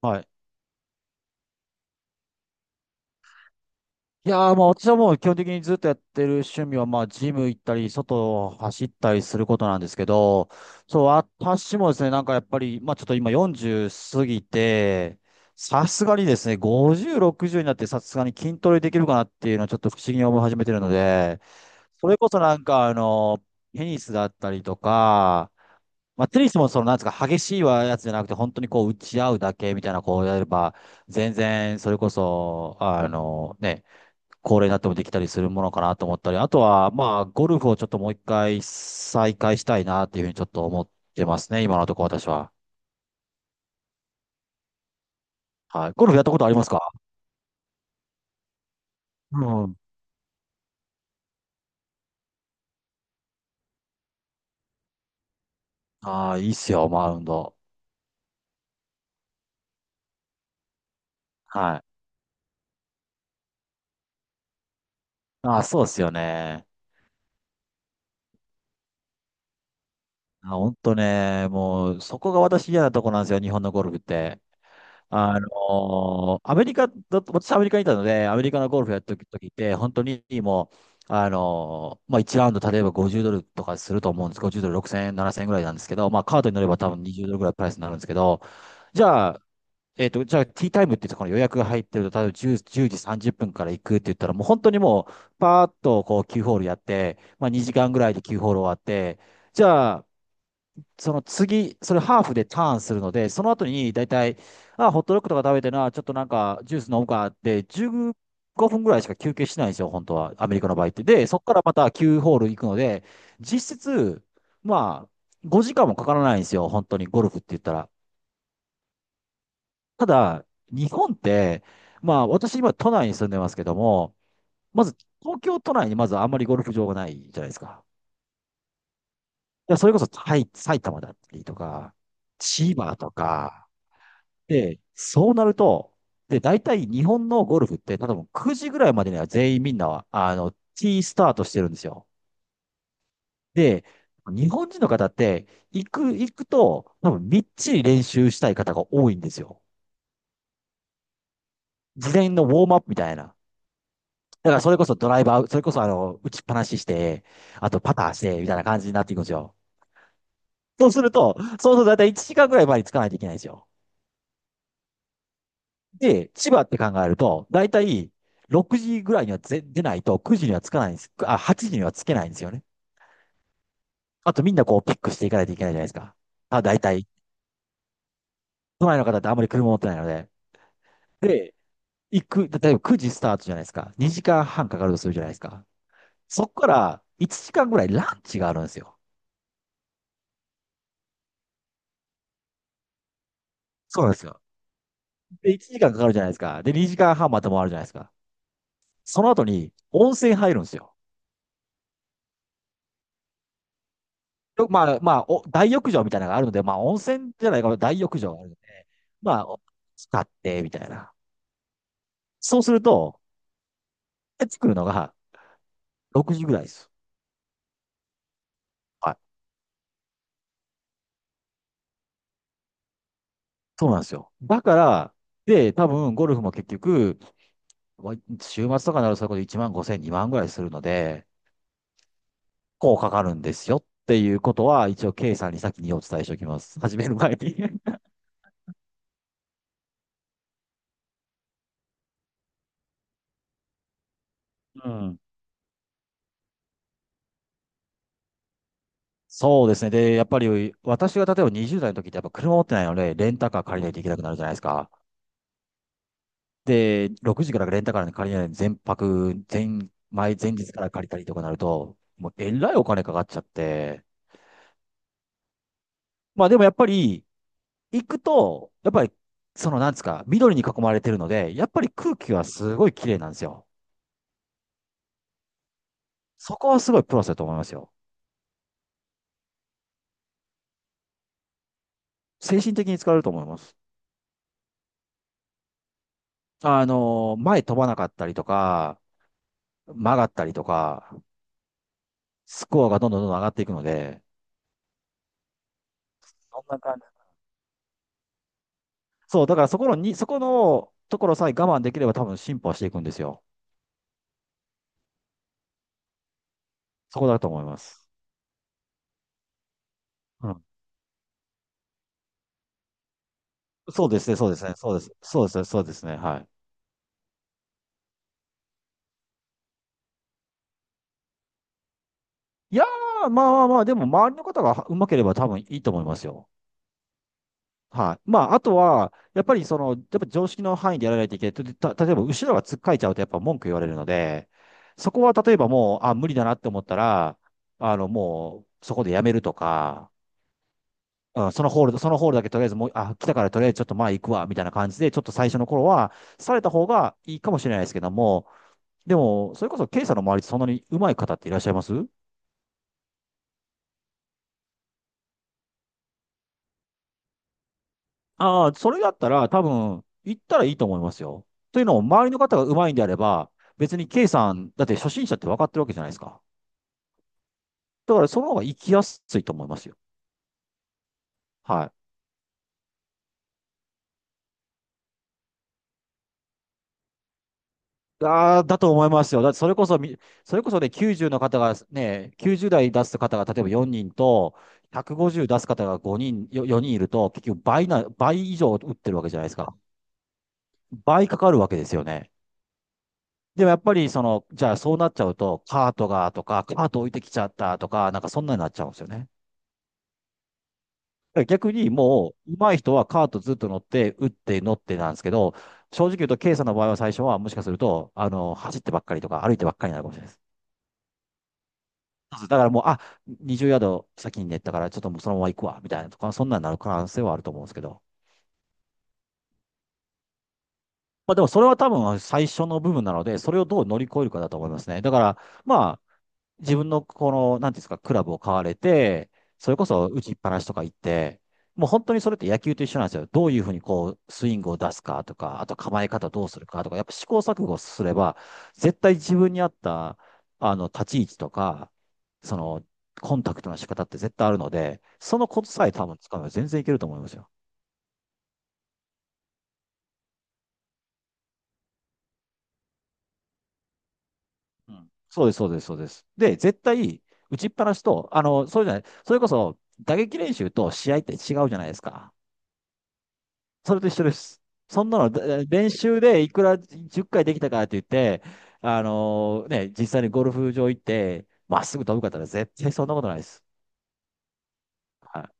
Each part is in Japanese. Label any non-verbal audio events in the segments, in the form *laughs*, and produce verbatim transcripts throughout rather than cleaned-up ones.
はい。いやー、まあ私はもう基本的にずっとやってる趣味は、まあジム行ったり、外を走ったりすることなんですけど、そう、私もですね、なんかやっぱり、まあちょっと今よんじゅう過ぎて、さすがにですね、ごじゅう、ろくじゅうになってさすがに筋トレできるかなっていうのはちょっと不思議に思い始めてるので、それこそなんかあの、テニスだったりとか、まあテニスもそのなんですか、激しいやつじゃなくて、本当にこう打ち合うだけみたいなこうやれば、全然、それこそ、あのね、高齢になってもできたりするものかなと思ったり、あとは、まあ、ゴルフをちょっともう一回再開したいなっていうふうにちょっと思ってますね、今のところ私は。はい。ゴルフやったことありますか？うん。ああ、いいっすよ、マウンド。はい。ああ、そうっすよね。あ、ほんとね、もう、そこが私嫌なとこなんですよ、日本のゴルフって。あのアメリカだと、私アメリカにいたので、アメリカのゴルフやってる時って、本当にもう、あのまあ、いちラウンド例えばごじゅうドルとかすると思うんです。ごじゅうドルろくせんえん、ななせんえんぐらいなんですけど、まあ、カードに乗れば多分にじゅうドルぐらいプライスになるんですけど、じゃあ、えっと、じゃあ、ティータイムっていうところに予約が入ってると、例えばじゅう、時さんじゅっぷんから行くって言ったら、もう本当にもう、パーッとこうきゅうホールやって、まあ、にじかんぐらいできゅうホール終わって、じゃあ、その次、それハーフでターンするので、その後に大体、あ、ホットドッグとか食べてな、ちょっとなんかジュース飲むかって、じゅうごふんぐらいしか休憩しないんですよ、本当は、アメリカの場合って。で、そこからまたきゅうホール行くので、実質、まあ、ごじかんもかからないんですよ、本当にゴルフって言ったら。ただ、日本って、まあ、私今都内に住んでますけども、まず東京都内にまずあんまりゴルフ場がないじゃないですか。いや、それこそ埼、埼玉だったりとか、千葉とか、で、そうなると、で、大体日本のゴルフって、多分くじぐらいまでには全員みんなは、あの、ティー スタートしてるんですよ。で、日本人の方って、行く、行くと、多分みっちり練習したい方が多いんですよ。事前のウォームアップみたいな。だからそれこそドライバー、それこそあの、打ちっぱなしして、あとパターして、みたいな感じになっていくんですよ。そうすると、そうすると大体いちじかんぐらい前につかないといけないんですよ。で、千葉って考えると、だいたいろくじぐらいにはぜ出ないとくじにはつかないんです。あ、はちじにはつけないんですよね。あとみんなこうピックしていかないといけないじゃないですか。あ、だいたい。都内の方ってあんまり車持ってないので。で、行く、例えばくじスタートじゃないですか。にじかんはんかかるとするじゃないですか。そこからいちじかんぐらいランチがあるんですよ。そうなんですよ。で、いちじかんかんかかるじゃないですか。で、にじかんはんまた回るじゃないですか。その後に温泉入るんですよ。よまあ、まあ、お、大浴場みたいなのがあるので、まあ、温泉じゃないかな、大浴場があるので、まあ、お使って、みたいな。そうすると、帰ってくるのがろくじぐらいです。はい。そうなんですよ。だから、で、多分、ゴルフも結局、わ週末とかになるとそれこそいちまんごせん、にまんぐらいするので、こうかかるんですよっていうことは、一応、K さんに先にお伝えしておきます。始める前に。 *laughs* うん。そうですね。で、やっぱり、私が例えばにじゅうだい代の時って、やっぱ車持ってないので、レンタカー借りないといけなくなるじゃないですか。で、ろくじからレンタカーに借りないで、全泊、全、前、前日から借りたりとかなると、もうえらいお金かかっちゃって、まあでもやっぱり、行くと、やっぱり、そのなんですか、緑に囲まれてるので、やっぱり空気はすごい綺麗なんですよ。そこはすごいプラスだと思いますよ。精神的に疲れると思います。あの、前飛ばなかったりとか、曲がったりとか、スコアがどんどんどんどん上がっていくので、そんな感じ。そう、だからそこのに、そこのところさえ我慢できれば多分進歩はしていくんですよ。そこだと思います。うん。そうですね、そうですね、そうです。そうですね、そうですね、はい。いやー、まあまあまあ、でも周りの方がうまければ多分いいと思いますよ。はい。まあ、あとは、やっぱりその、やっぱ常識の範囲でやらないといけない。た、例えば後ろがつっかえちゃうとやっぱ文句言われるので、そこは例えばもう、あ、無理だなって思ったら、あの、もう、そこでやめるとか、うん、そのホールそのホールだけとりあえずもう、あ、来たからとりあえずちょっと前行くわ、みたいな感じで、ちょっと最初の頃は、された方がいいかもしれないですけども、でも、それこそ、ケイさんの周りでそんなに上手い方っていらっしゃいます？ああー、それだったら多分、行ったらいいと思いますよ。というのも、周りの方が上手いんであれば、別にケイさん、だって初心者って分かってるわけじゃないですか。だから、その方が行きやすいと思いますよ。はい。ああ、だと思いますよ。だって、それこそみ、それこそね、きゅうじゅうの方がね、きゅうじゅうだい代出す方が例えばよにんと、ひゃくごじゅう出す方がごにん、よよにんいると、結局倍な、倍以上打ってるわけじゃないですか。倍かかるわけですよね。でもやっぱりその、じゃあそうなっちゃうと、カートがとか、カート置いてきちゃったとか、なんかそんなになっちゃうんですよね。だから逆にもう、上手い人はカートずっと乗って、打って、乗ってなんですけど、正直言うと、K さんの場合は最初はもしかすると、あの、走ってばっかりとか歩いてばっかりになるかもしれないです。そうですだからもう、あ、にじゅうヤードヤード先に寝たから、ちょっともうそのまま行くわ、みたいなとか、そんなになる可能性はあると思うんですけど。まあでもそれは多分最初の部分なので、それをどう乗り越えるかだと思いますね。だから、まあ、自分のこの、なんていうんですか、クラブを買われて、それこそ打ちっぱなしとか行って、もう本当にそれって野球と一緒なんですよ。どういうふうにこう、スイングを出すかとか、あと構え方どうするかとか、やっぱ試行錯誤すれば、絶対自分に合った、あの、立ち位置とか、その、コンタクトの仕方って絶対あるので、そのコツさえ多分使めば全然いけると思いますよ。うん。そうです、そうです、そうです。で、絶対、打ちっぱなしと、あの、そうじゃない、それこそ、打撃練習と試合って違うじゃないですか。それと一緒です。そんなの、だ練習でいくらじゅっかいできたからって言って、あのーね、実際にゴルフ場行って、まっすぐ飛ぶかったら絶対そんなことないです。はい。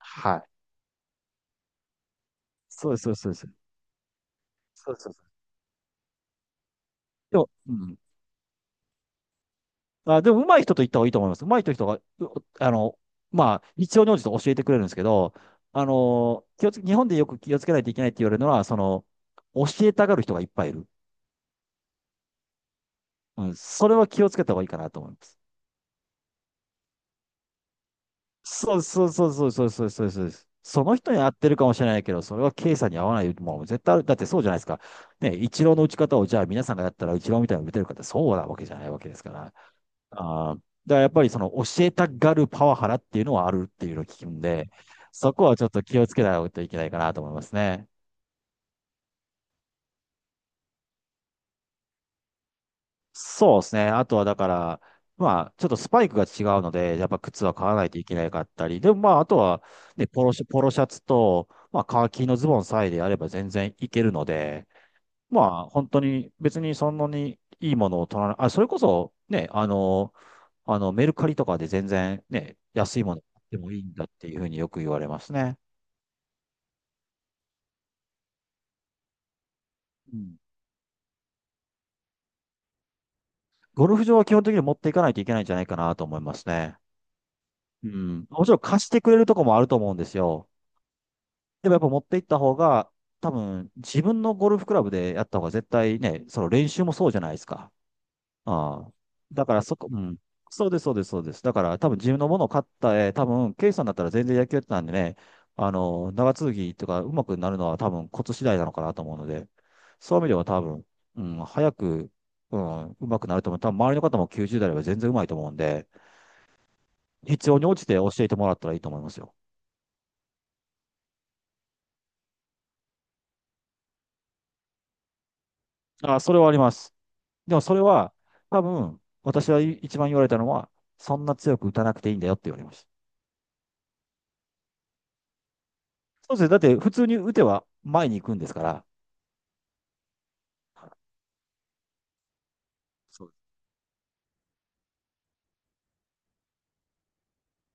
はい。そうです、そうです、そうです。そうです、そうです。でも、うん。あ、でも、上手い人と行った方がいいと思います。上手い人が、うあの、まあ、必要に応じて教えてくれるんですけど、あのー気をつけ、日本でよく気をつけないといけないって言われるのは、その、教えたがる人がいっぱいいる。うん。それは気をつけた方がいいかなと思います。そうそうそうそうそうそうそうそうです。その人に合ってるかもしれないけど、それは経営さんに合わないもの絶対ある。だってそうじゃないですか。ね、イチローの打ち方をじゃあ皆さんがやったらイチローみたいに打てるかってそうなわけじゃないわけですから。あー、だからやっぱりその教えたがるパワハラっていうのはあるっていうのを聞くんで、そこはちょっと気をつけないといけないかなと思いますね。そうですね。あとはだから、まあ、ちょっとスパイクが違うので、やっぱ靴は買わないといけなかったり、でもまあ、あとは、ね、ポロシャ、ポロシャツと、まあ、カーキのズボンさえであれば全然いけるので、まあ、本当に別にそんなにいいものを取らない、あ、それこそ、ね、あの、あの、メルカリとかで全然ね、安いもの買ってもいいんだっていうふうによく言われますね。うん。ゴルフ場は基本的に持っていかないといけないんじゃないかなと思いますね。うん。もちろん貸してくれるとこもあると思うんですよ。でもやっぱ持っていった方が、多分自分のゴルフクラブでやった方が絶対ね、その練習もそうじゃないですか。ああ。だからそこ、うん。そうです、そうです、そうです。だから多分自分のものを買ったえ多分、ケイさんだったら全然野球やってたんでね、あの、長続きとか上手くなるのは多分コツ次第なのかなと思うので、そういう意味では多分、うん、早く、うん、上手くなると思う。多分周りの方もきゅうじゅうだい代では全然上手いと思うんで、必要に応じて教えてもらったらいいと思いますよ。あ、それはあります。でもそれは、多分、私は一番言われたのは、そんな強く打たなくていいんだよって言われました。そうですね。だって普通に打ては前に行くんですから、そう、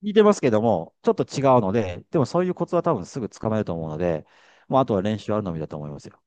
似てますけども、ちょっと違うので、でもそういうコツは多分すぐつかめると思うので、もうあとは練習あるのみだと思いますよ。